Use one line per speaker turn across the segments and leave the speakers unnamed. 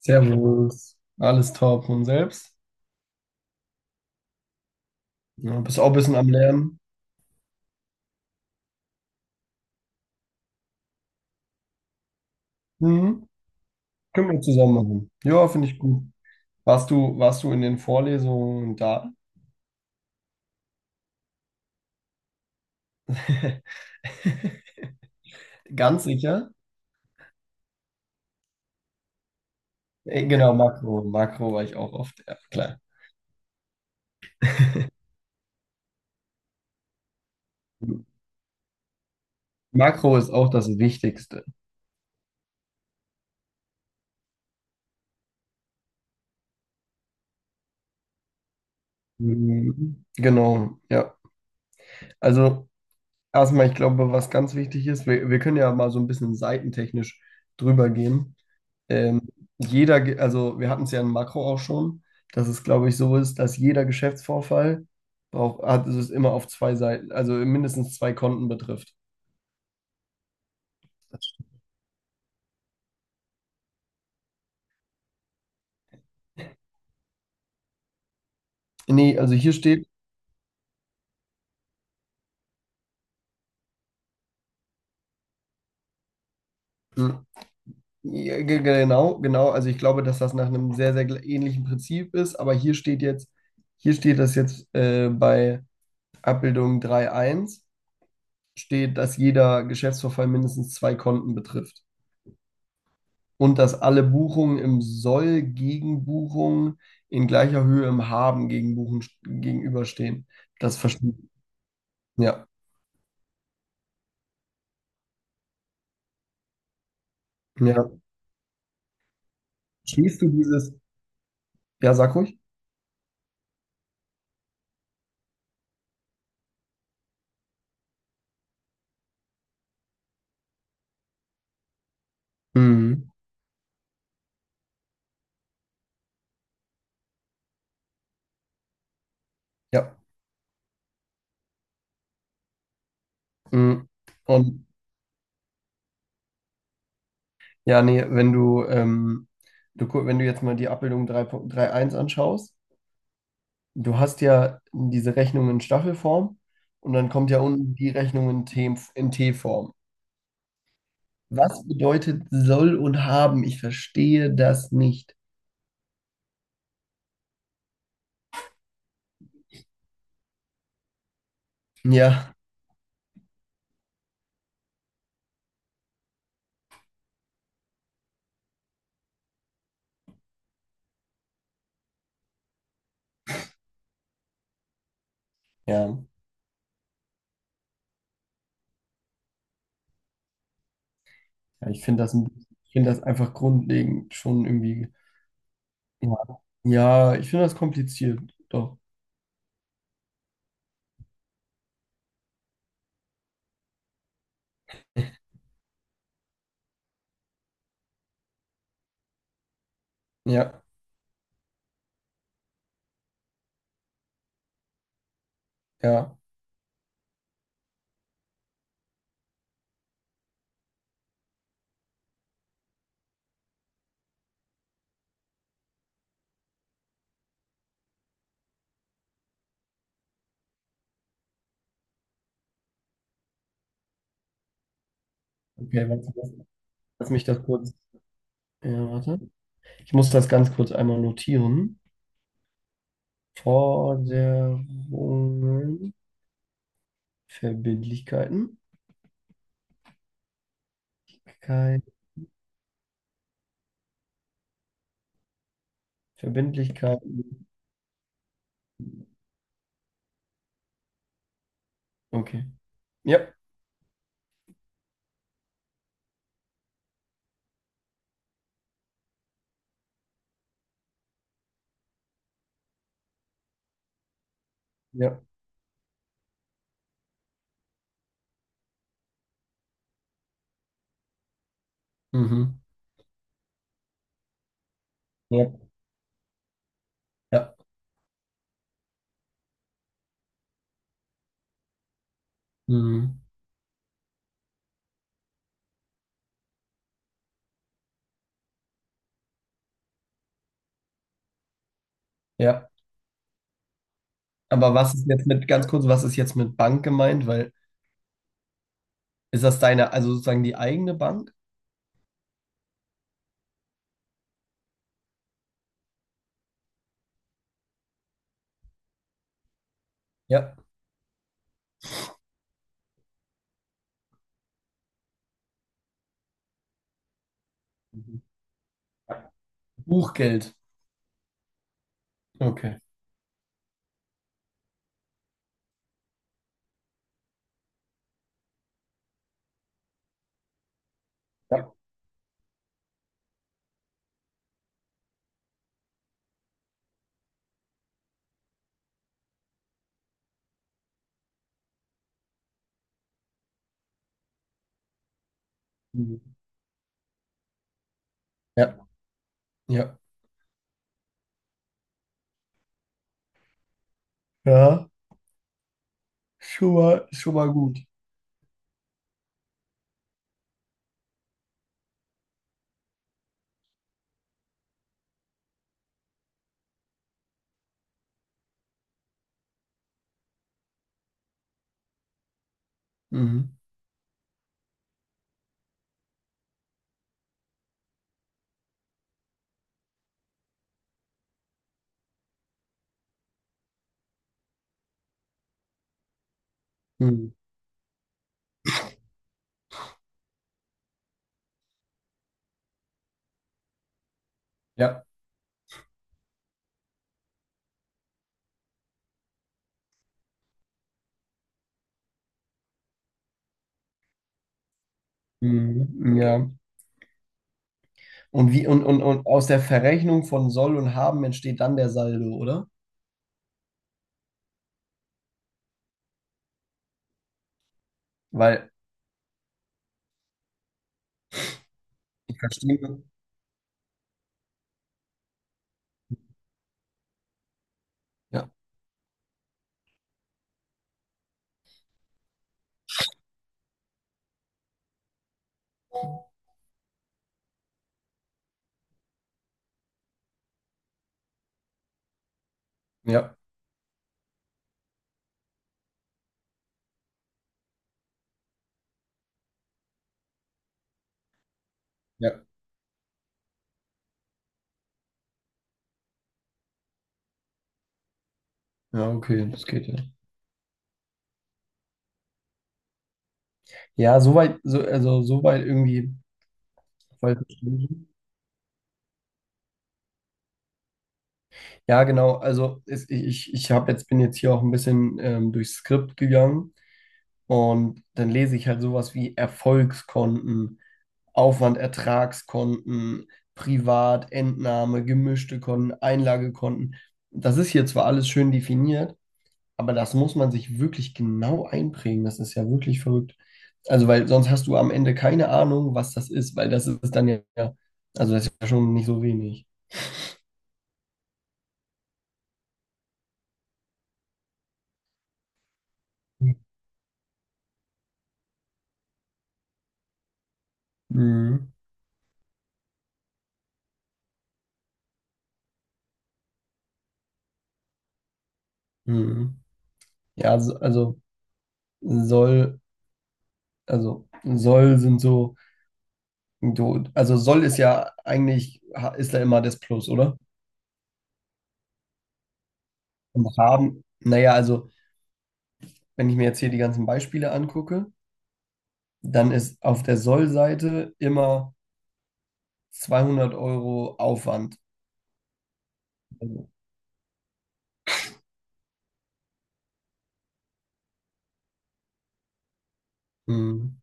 Servus, alles top und selbst? Ja, bist auch ein bisschen am Lernen. Mhm. Können wir zusammen machen. Ja, finde ich gut. Warst du in den Vorlesungen da? Ganz sicher? Genau, Makro. Makro war ich auch oft, ja, klar. Makro ist auch das Wichtigste. Mhm. Genau, ja. Also erstmal, ich glaube, was ganz wichtig ist, wir können ja mal so ein bisschen seitentechnisch drüber gehen. Ähm, also wir hatten es ja in Makro auch schon, dass es, glaube ich, so ist, dass jeder Geschäftsvorfall es ist immer auf zwei Seiten, also mindestens zwei Konten betrifft. Nee, also hier steht, hm, ja, genau, genau, also ich glaube, dass das nach einem sehr, sehr ähnlichen Prinzip ist, aber hier steht jetzt, hier steht das jetzt bei Abbildung drei Punkt eins. Steht, dass jeder Geschäftsvorfall mindestens zwei Konten betrifft und dass alle Buchungen im Soll gegen Buchungen in gleicher Höhe im Haben gegen gegenüberstehen. Das verstehe ich. Ja. Ja. Verstehst du dieses? Ja, sag ruhig. Mhm. Ja. Mhm. Und ja, nee, wenn du, wenn du jetzt mal die Abbildung drei Punkt eins anschaust, du hast ja diese Rechnung in Staffelform und dann kommt ja unten die Rechnung in T-Form. Was bedeutet soll und haben? Ich verstehe das nicht. Ja, ja, ja ich finde ich finde das einfach grundlegend schon irgendwie. Ja, ja ich finde das kompliziert. Doch. Ja, ja. Okay, warte, lass mich das kurz. Ja, warte. Ich muss das ganz kurz einmal notieren. Forderungen, Verbindlichkeiten. Kein Verbindlichkeiten. Okay. Ja, ja. Mhm. Ja, ja. Mhm. Ja. Aber was ist jetzt mit, ganz kurz, was ist jetzt mit Bank gemeint? Weil ist das deine, also sozusagen die eigene Bank? Ja. Mhm. Buchgeld. Okay. Ja. Mhm. Ja. Ja. Ja. Schon mal gut. Mhm. Mhm. Ja. Mhm. Ja. Und und aus der Verrechnung von Soll und Haben entsteht dann der Saldo, oder? Weil ich verstehe. Ja. Ja. Ja. Ja, okay, das geht ja. Ja, soweit, so, also soweit irgendwie voll verstanden. Ja, genau. Also es, ich, ich hab bin jetzt hier auch ein bisschen durchs Skript gegangen und dann lese ich halt sowas wie Erfolgskonten, Aufwand, Ertragskonten, Privat, Entnahme, gemischte Konten, Einlagekonten. Das ist hier zwar alles schön definiert, aber das muss man sich wirklich genau einprägen. Das ist ja wirklich verrückt. Also, weil sonst hast du am Ende keine Ahnung, was das ist, weil das ist dann ja, also das ist ja schon nicht so wenig. Mhm. Mhm. Ja, soll, also soll sind so, also soll ist ja eigentlich, ist da immer das Plus, oder? Und haben, naja, also wenn ich mir jetzt hier die ganzen Beispiele angucke, dann ist auf der Soll-Seite immer 200 Euro Aufwand. Also, mm,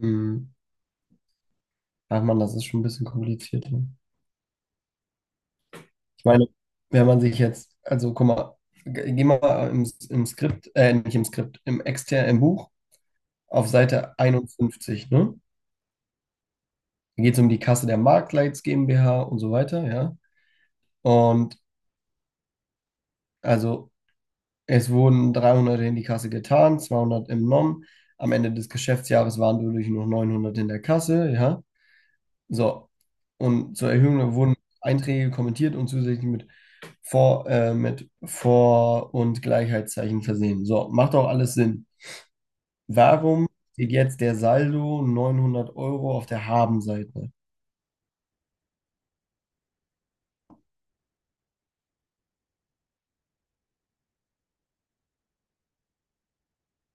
mm. Ach man, das ist schon ein bisschen kompliziert. Ne? Ich meine, wenn man sich jetzt, also guck mal, geh mal im Skript, nicht im Skript, im externen, im Buch auf Seite 51, ne? Da geht es um die Kasse der Marktleits GmbH und so weiter, ja. Und also es wurden 300 in die Kasse getan, 200 entnommen. Am Ende des Geschäftsjahres waren dadurch noch 900 in der Kasse, ja. So. Und zur Erhöhung wurden Einträge kommentiert und zusätzlich mit mit Vor- und Gleichheitszeichen versehen. So, macht auch alles Sinn. Warum steht jetzt der Saldo 900 Euro auf der Habenseite?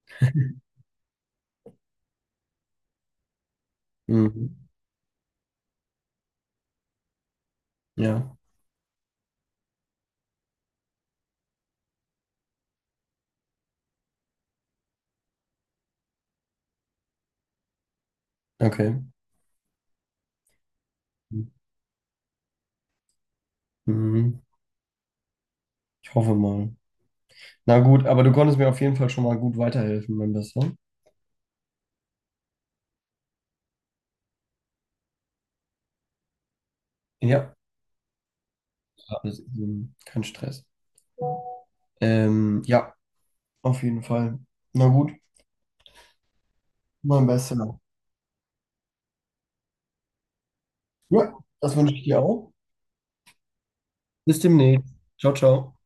Mhm. Ja. Okay. Mhm. Ich hoffe mal. Na gut, aber du konntest mir auf jeden Fall schon mal gut weiterhelfen, mein Bester. Ja, Ja. Kein Stress. Ja, auf jeden Fall. Na gut, mein Bester. Ja, das wünsche ich dir auch. Bis demnächst. Ciao, ciao.